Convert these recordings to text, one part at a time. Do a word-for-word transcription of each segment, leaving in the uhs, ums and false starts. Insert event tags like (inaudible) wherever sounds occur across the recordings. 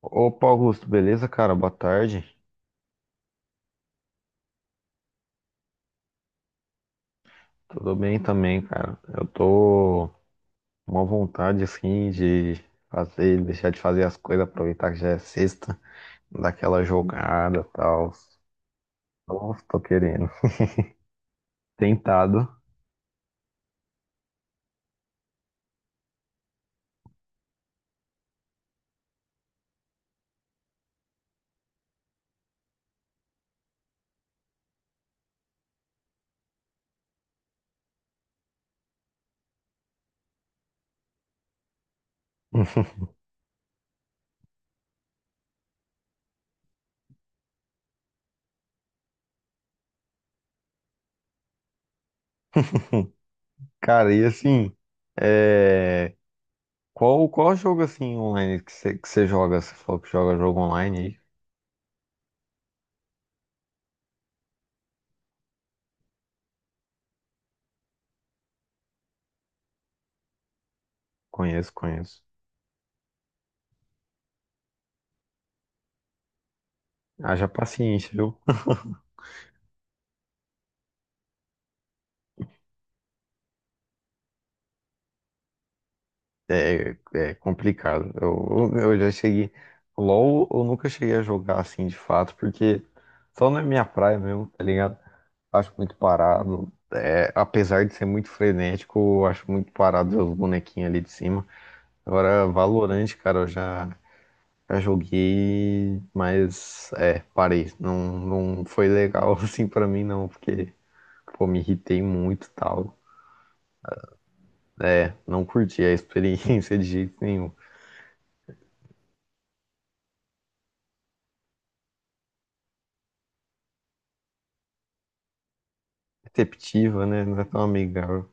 Opa, Augusto, beleza, cara? Boa tarde. Tudo bem também, cara. Eu tô com uma vontade, assim, de fazer, deixar de fazer as coisas, aproveitar que já é sexta, daquela jogada e tal. Nossa, tô querendo. Tentado. (laughs) Cara, e assim, é... qual, qual jogo, assim, online que você que você joga? Você falou que joga jogo online aí. Conheço, conheço. Haja paciência, viu? É, é é complicado. Eu, eu já cheguei. LOL eu nunca cheguei a jogar assim de fato, porque só não é minha praia mesmo, tá ligado? Acho muito parado. É, apesar de ser muito frenético, eu acho muito parado ver os bonequinhos ali de cima. Agora, Valorant, cara, eu já, já joguei, mas é, parei. Não, não foi legal (laughs) assim pra mim, não, porque pô, me irritei muito e tal. É, não curti a experiência (laughs) de jeito nenhum. Receptiva, né? Não é tão amigável.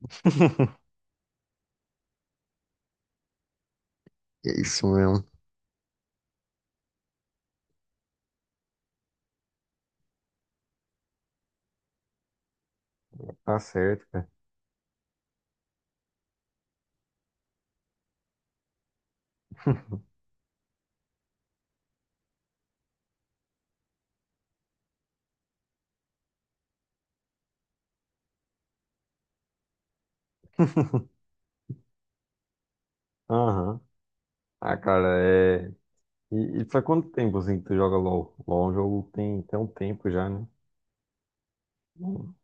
(laughs) É isso mesmo. Tá certo, cara. Aham. Ah, cara, é. E, e faz quanto tempo assim que tu joga LOL? LOL é um jogo que tem, tem um tempo já, né? Hum,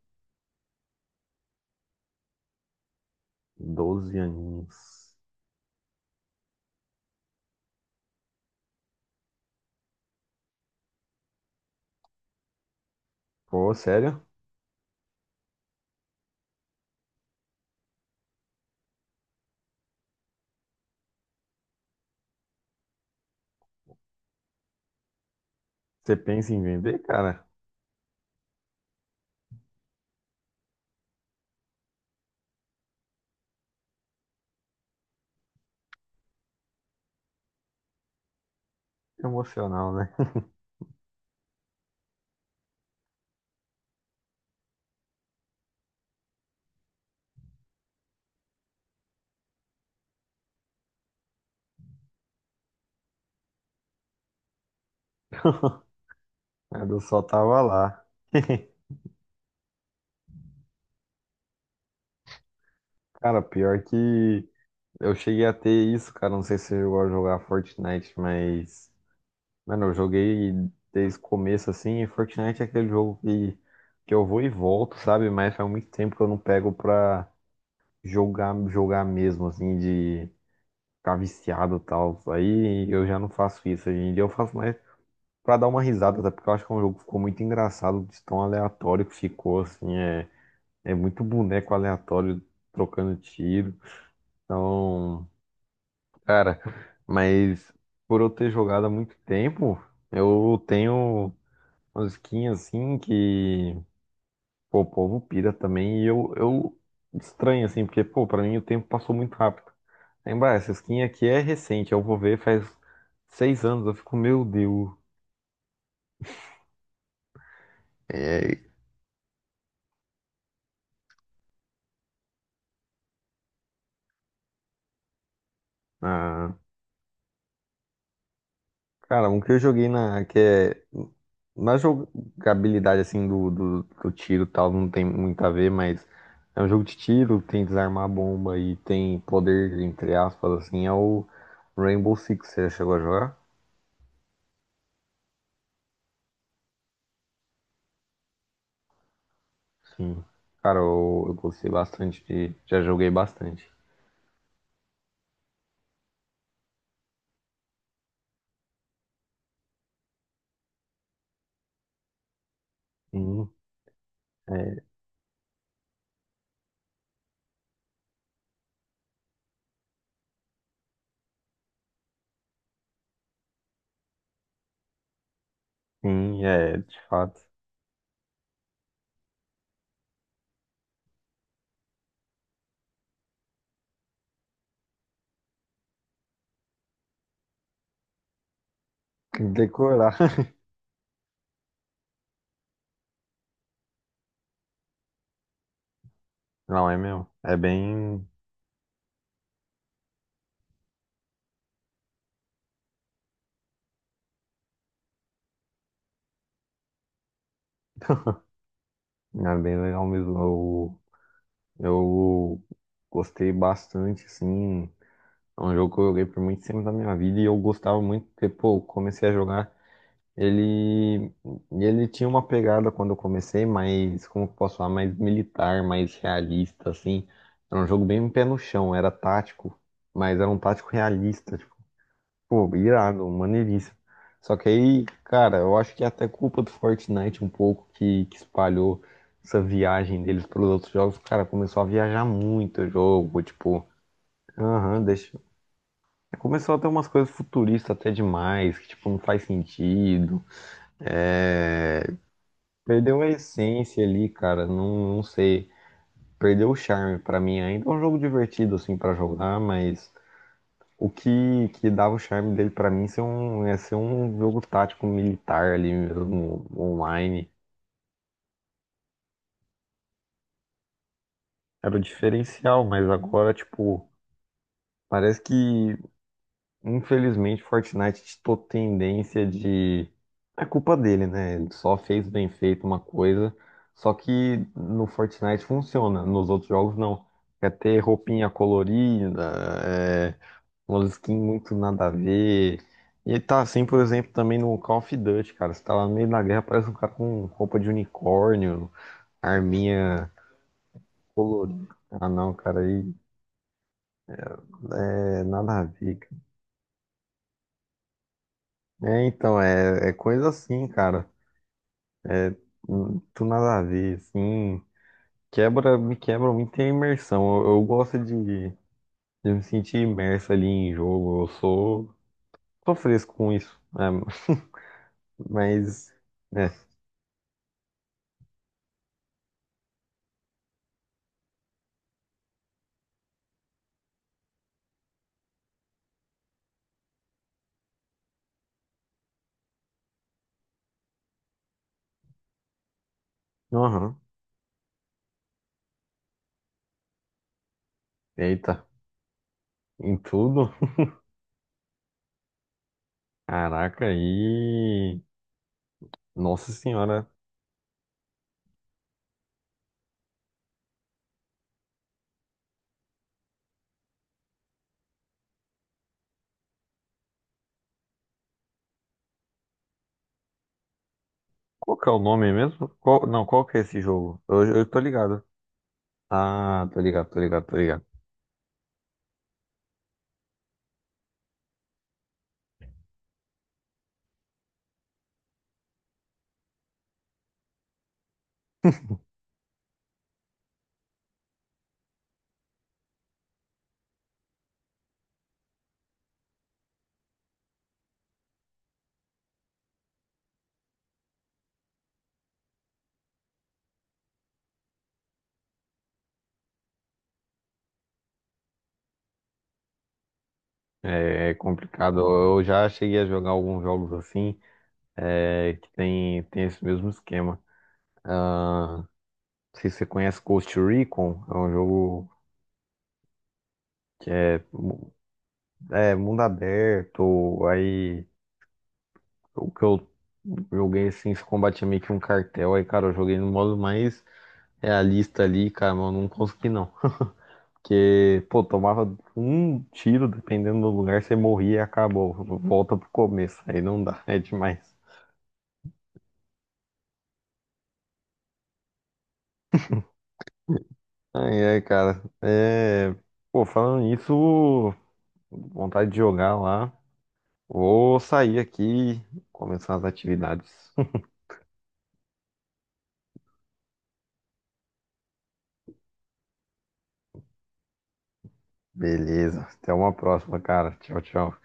doze aninhos. Pô, sério? Você pensa em vender, cara? Que emocional, né? (laughs) Mas eu só tava lá. (laughs) Cara, pior que eu cheguei a ter isso, cara. Não sei se você chegou a jogar Fortnite, mas mano, eu joguei desde o começo assim, e Fortnite é aquele jogo que, que eu vou e volto, sabe? Mas faz muito tempo que eu não pego pra jogar, jogar mesmo, assim, de ficar viciado e tal. Aí eu já não faço isso hoje em dia, eu faço mais pra dar uma risada, até porque eu acho que é um jogo que ficou muito engraçado, de tão aleatório que ficou, assim, é, é muito boneco aleatório trocando tiro. Então, cara, mas por eu ter jogado há muito tempo, eu tenho musiquinha assim que, pô, o povo pira também. E eu, eu estranho assim, porque, pô, pra mim o tempo passou muito rápido. Lembra, essa skin aqui é recente, eu vou ver faz seis anos. Eu fico, meu Deus. É, ah, cara, um que eu joguei na, que é, na jogabilidade assim do, do, do tiro e tal, não tem muito a ver, mas é um jogo de tiro, tem desarmar a bomba e tem poder, entre aspas, assim, é o Rainbow Six. Você já chegou a jogar? Sim. Cara, eu, eu gostei bastante de. Já joguei bastante. Sim, é, sim, é, de fato. Tem que decorar. (laughs) Não, é mesmo. É bem. É bem legal mesmo. Eu, eu gostei bastante, assim. É um jogo que eu joguei por muito tempo da minha vida e eu gostava muito, porque, pô, eu comecei a jogar. Ele, ele tinha uma pegada quando eu comecei, mais como eu posso falar, mais militar, mais realista, assim. Era um jogo bem pé no chão, era tático, mas era um tático realista, tipo, pô, irado, maneiríssimo. Só que aí, cara, eu acho que é até culpa do Fortnite um pouco que, que espalhou essa viagem deles para os outros jogos. Cara, começou a viajar muito o jogo, tipo, aham, deixa. Começou a ter umas coisas futuristas até demais, que, tipo, não faz sentido. Perdeu a essência ali, cara. Não, não sei. Perdeu o charme pra mim. Ainda é um jogo divertido, assim, pra jogar, mas o que, que dava o charme dele pra mim ser um, é ser um jogo tático militar ali mesmo, online. Era o diferencial, mas agora, tipo, parece que infelizmente, Fortnite tem tendência de. É culpa dele, né? Ele só fez bem feito uma coisa. Só que no Fortnite funciona, nos outros jogos não. Quer ter roupinha colorida, é... umas skins muito nada a ver. E tá assim, por exemplo, também no Call of Duty, cara. Você tá lá no meio da guerra, parece um cara com roupa de unicórnio, arminha colorida. Ah, não, cara, aí é nada a ver, cara. É, então, é, é coisa assim, cara. Muito nada a ver, assim, quebra, me quebra muito a imersão. Eu, eu gosto de, de me sentir imerso ali em jogo, eu sou, sou fresco com isso, né? Mas, é, aham, eita, em tudo, (laughs) caraca, aí nossa senhora, qual que é o nome mesmo? Qual- não, qual que é esse jogo? Eu, eu tô ligado. Ah, tô ligado, tô ligado, tô ligado. É é complicado, eu eu já cheguei a jogar alguns jogos assim, é, que tem, tem esse mesmo esquema. Ah, não sei se você conhece Ghost Recon, é um jogo que é, mu- é mundo aberto. Aí o que eu joguei assim, esse combate é meio que um cartel. Aí, cara, eu joguei no modo mais realista ali, cara, mas eu não consegui não. Porque, pô, tomava um tiro, dependendo do lugar, você morria e acabou. Volta pro começo, aí não dá, (laughs) é demais. Aí, é, cara, é. Pô, falando nisso, vontade de jogar lá. Vou sair aqui, começar as atividades. Beleza, até uma próxima, cara. Tchau, tchau.